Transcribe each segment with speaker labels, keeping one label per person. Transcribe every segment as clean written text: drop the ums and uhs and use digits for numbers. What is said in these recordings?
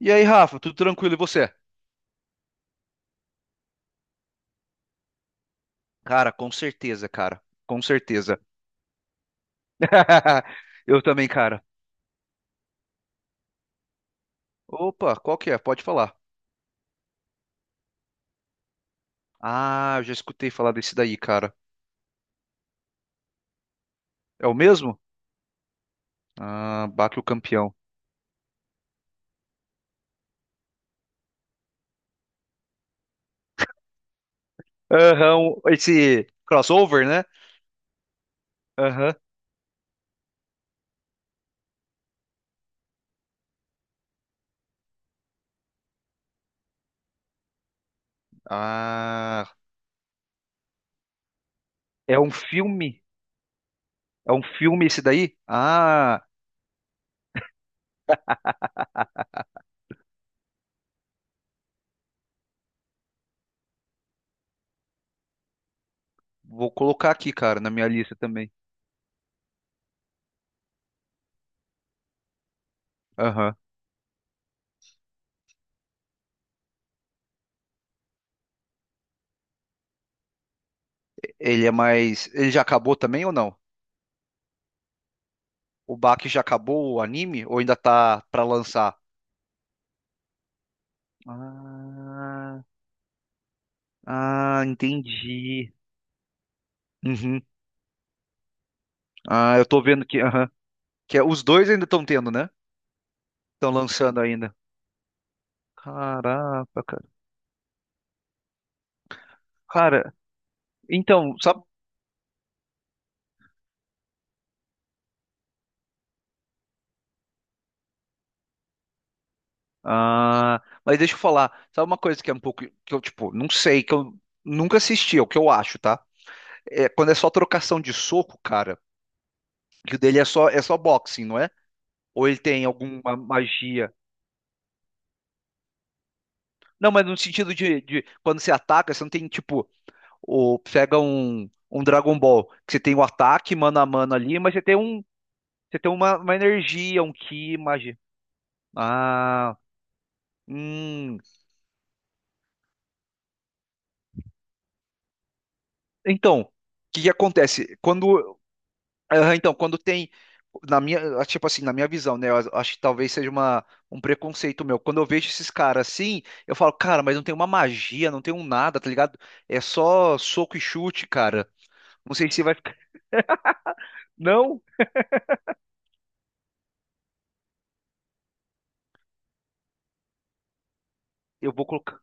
Speaker 1: E aí, Rafa, tudo tranquilo? E você? Cara, com certeza, cara. Com certeza. Eu também, cara. Opa, qual que é? Pode falar. Ah, eu já escutei falar desse daí, cara. É o mesmo? Ah, Baque o Campeão. Aham, esse crossover, né? Aham. Ah, é um filme? É um filme esse daí? Ah, vou colocar aqui, cara, na minha lista também. Aham. Ele é mais. Ele já acabou também ou não? O Baki já acabou o anime ou ainda tá pra lançar? Ah, ah, entendi. Uhum. Ah, eu tô vendo que, aham, os dois ainda estão tendo, né? Estão lançando ainda. Caraca, cara. Cara, então, sabe? Ah, mas deixa eu falar. Sabe uma coisa que é um pouco que eu, tipo, não sei, que eu nunca assisti, é o que eu acho, tá? É quando é só trocação de soco, cara, que o dele é só boxing, não é? Ou ele tem alguma magia? Não, mas no sentido de quando você ataca, você não tem, tipo, o pega um Dragon Ball, que você tem o ataque mano a mano ali, mas você tem uma energia, um ki, magia. Ah, hum. Então, o que que acontece? Então, quando tem na tipo assim, na minha visão, né? Eu acho que talvez seja um preconceito meu. Quando eu vejo esses caras assim, eu falo, cara, mas não tem uma magia, não tem um nada, tá ligado? É só soco e chute, cara. Não sei se vai ficar. Não, eu vou colocar.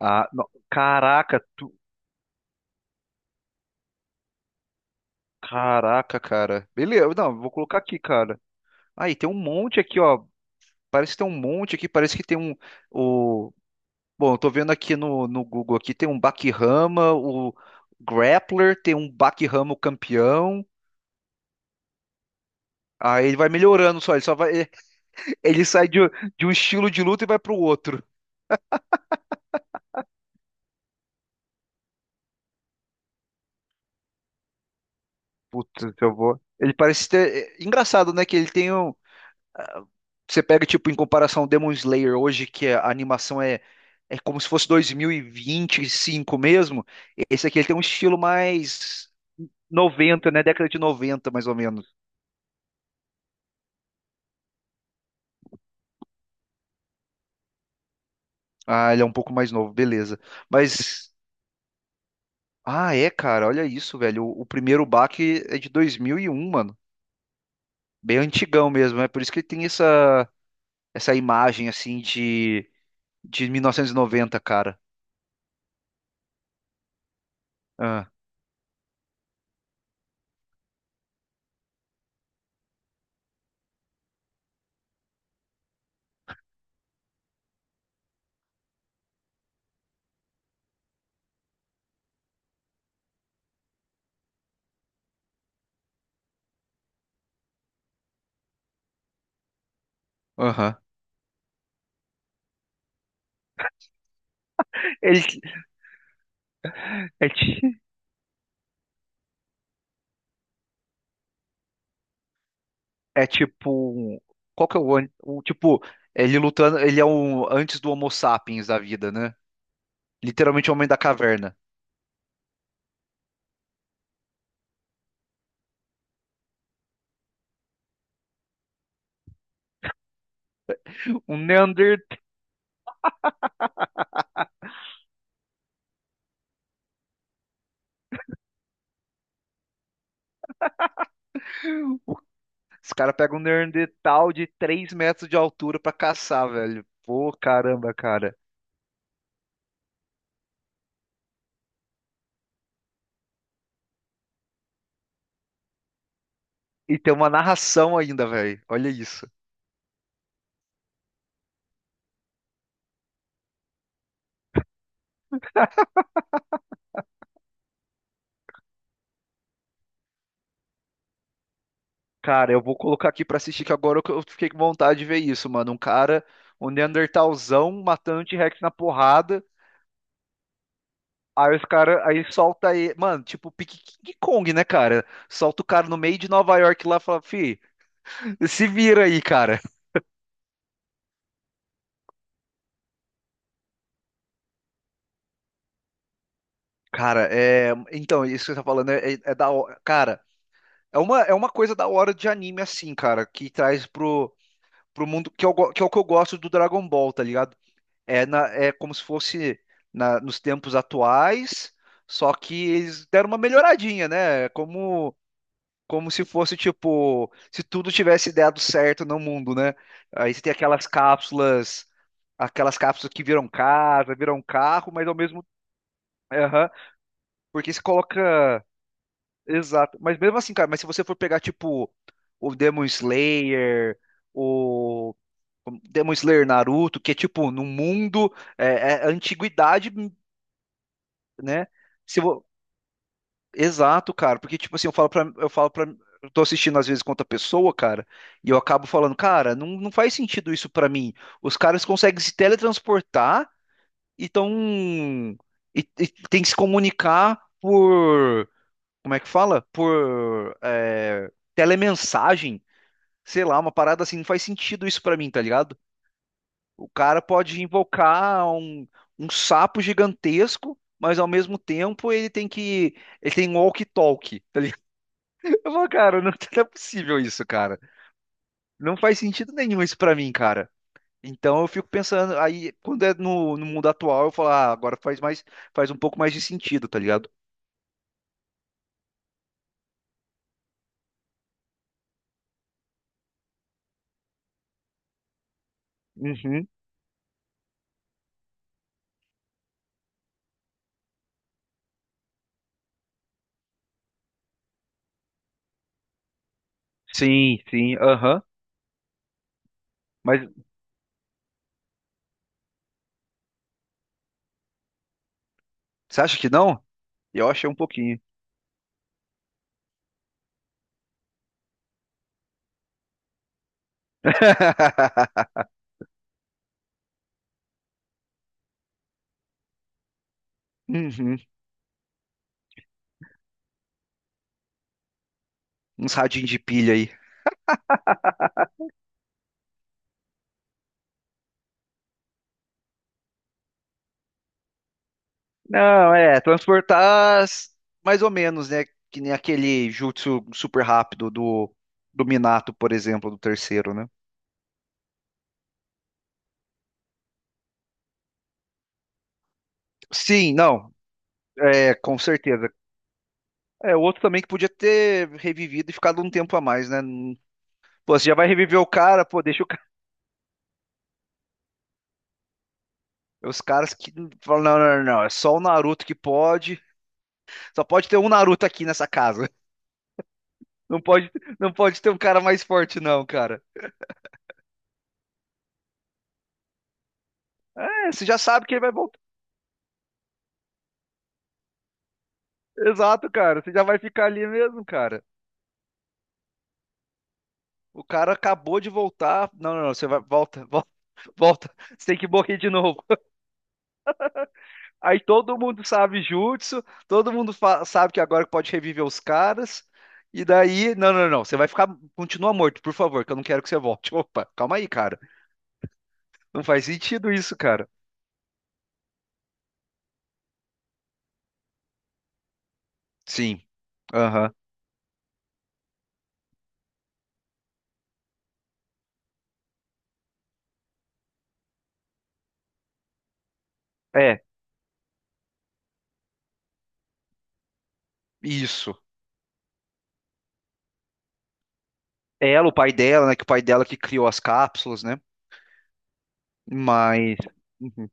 Speaker 1: Ah, não. Caraca, caraca, cara. Beleza, não, vou colocar aqui, cara. Aí, tem um monte aqui, ó. Parece que tem um monte aqui, parece que tem um. O... Bom, eu tô vendo aqui no Google aqui, tem um Bakihama, o Grappler, tem um Bakihama o campeão. Aí ele vai melhorando só, ele só vai. Ele sai de um estilo de luta e vai pro outro. Putz, eu vou. Ele parece ter. É engraçado, né? Que ele tem um. Você pega, tipo, em comparação Demon Slayer hoje, que a animação é como se fosse 2025 mesmo. Esse aqui ele tem um estilo mais 90, né? Década de 90, mais ou menos. Ah, ele é um pouco mais novo, beleza. Mas, é, cara, olha isso, velho. O primeiro baque é de 2001, mano. Bem antigão mesmo, é por isso que ele tem essa imagem, assim, de 1990, cara. Ah, aham. Ele, é tipo. Qual que é o. Tipo, ele lutando. Ele é o antes do Homo sapiens da vida, né? Literalmente o homem da caverna. Um Neandertal. Os caras pegam um Neandertal de 3 metros de altura pra caçar, velho. Pô, caramba, cara. E tem uma narração ainda, velho. Olha isso. Cara, eu vou colocar aqui pra assistir, que agora eu fiquei com vontade de ver isso, mano. Um cara, um Neandertalzão matando o T-Rex na porrada. Aí os caras, aí solta aí, mano, tipo pique King Kong, né, cara? Solta o cara no meio de Nova York lá e fala, fi, se vira aí, cara. Cara, é. Então, isso que você tá falando é, é da hora. Cara, é uma coisa da hora de anime, assim, cara, que traz pro mundo, que é o que eu gosto do Dragon Ball, tá ligado? É, é como se fosse nos tempos atuais, só que eles deram uma melhoradinha, né? Como se fosse tipo, se tudo tivesse dado certo no mundo, né? Aí você tem aquelas cápsulas que viram casa, viram carro, mas ao mesmo, aham, porque se coloca, exato. Mas mesmo assim, cara, mas se você for pegar tipo o Demon Slayer, o Demon Slayer Naruto, que é tipo no mundo é, é, antiguidade, né? Se, vo- Exato, cara, porque tipo assim, eu tô assistindo às vezes com outra pessoa, cara, e eu acabo falando, cara, não faz sentido isso pra mim. Os caras conseguem se teletransportar e tão, e tem que se comunicar por, como é que fala? Por telemensagem, sei lá, uma parada assim, não faz sentido isso pra mim, tá ligado? O cara pode invocar um sapo gigantesco, mas ao mesmo tempo ele tem um walkie-talkie, tá, eu vou, cara, não, não é possível isso, cara. Não faz sentido nenhum isso pra mim, cara. Então eu fico pensando, aí quando é no mundo atual, eu falo, ah, agora faz um pouco mais de sentido, tá ligado? Uhum. Sim, sim, aham. Mas você acha que não? Eu achei um pouquinho. Uhum. Uns radinhos de pilha aí. Não, é, mais ou menos, né? Que nem aquele jutsu super rápido do Minato, por exemplo, do terceiro, né? Sim, não, é, com certeza. É, o outro também que podia ter revivido e ficado um tempo a mais, né? Pô, você já vai reviver o cara, pô, deixa o cara. Os caras que falam, não, não, não, não, é só o Naruto que pode. Só pode ter um Naruto aqui nessa casa. Não pode, não pode ter um cara mais forte, não, cara. É, você já sabe que ele vai voltar. Exato, cara. Você já vai ficar ali mesmo, cara. O cara acabou de voltar. Não, não, não, você vai, volta, volta, volta. Você tem que morrer de novo. Aí todo mundo sabe jutsu, todo mundo sabe que agora pode reviver os caras. E daí, não, não, não, você vai ficar, continua morto, por favor, que eu não quero que você volte. Opa, calma aí, cara. Não faz sentido isso, cara. Sim. Aham. É, isso. Ela, o pai dela, né, que o pai dela que criou as cápsulas, né? Mas Uhum.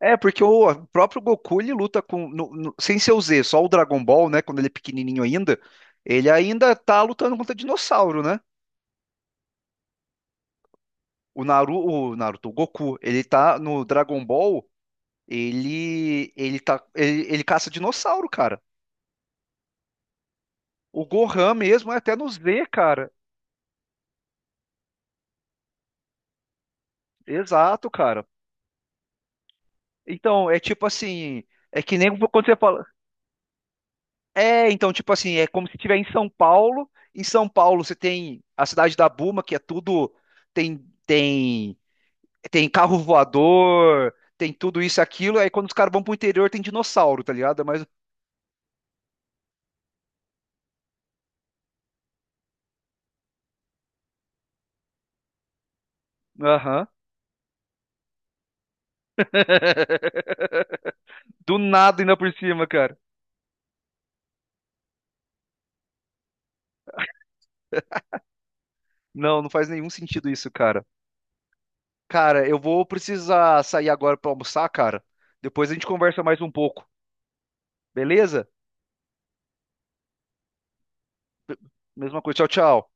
Speaker 1: É, porque o próprio Goku ele luta com sem ser o Z, só o Dragon Ball, né, quando ele é pequenininho ainda, ele ainda tá lutando contra dinossauro, né? O o Naruto, o Goku, ele tá no Dragon Ball, ele caça dinossauro, cara. O Gohan mesmo é até no Z, cara. Exato, cara. Então, é tipo assim, é que nem quando você fala, é, então tipo assim, é como se estiver em São Paulo. Em São Paulo você tem a cidade da Buma, que é tudo tem tem tem carro voador, tem tudo isso e aquilo. Aí quando os caras vão pro interior tem dinossauro, tá ligado? Mas aham. Do nada ainda por cima, cara. Não faz nenhum sentido isso, cara. Cara, eu vou precisar sair agora pra almoçar, cara. Depois a gente conversa mais um pouco. Beleza? Mesma coisa. Tchau, tchau.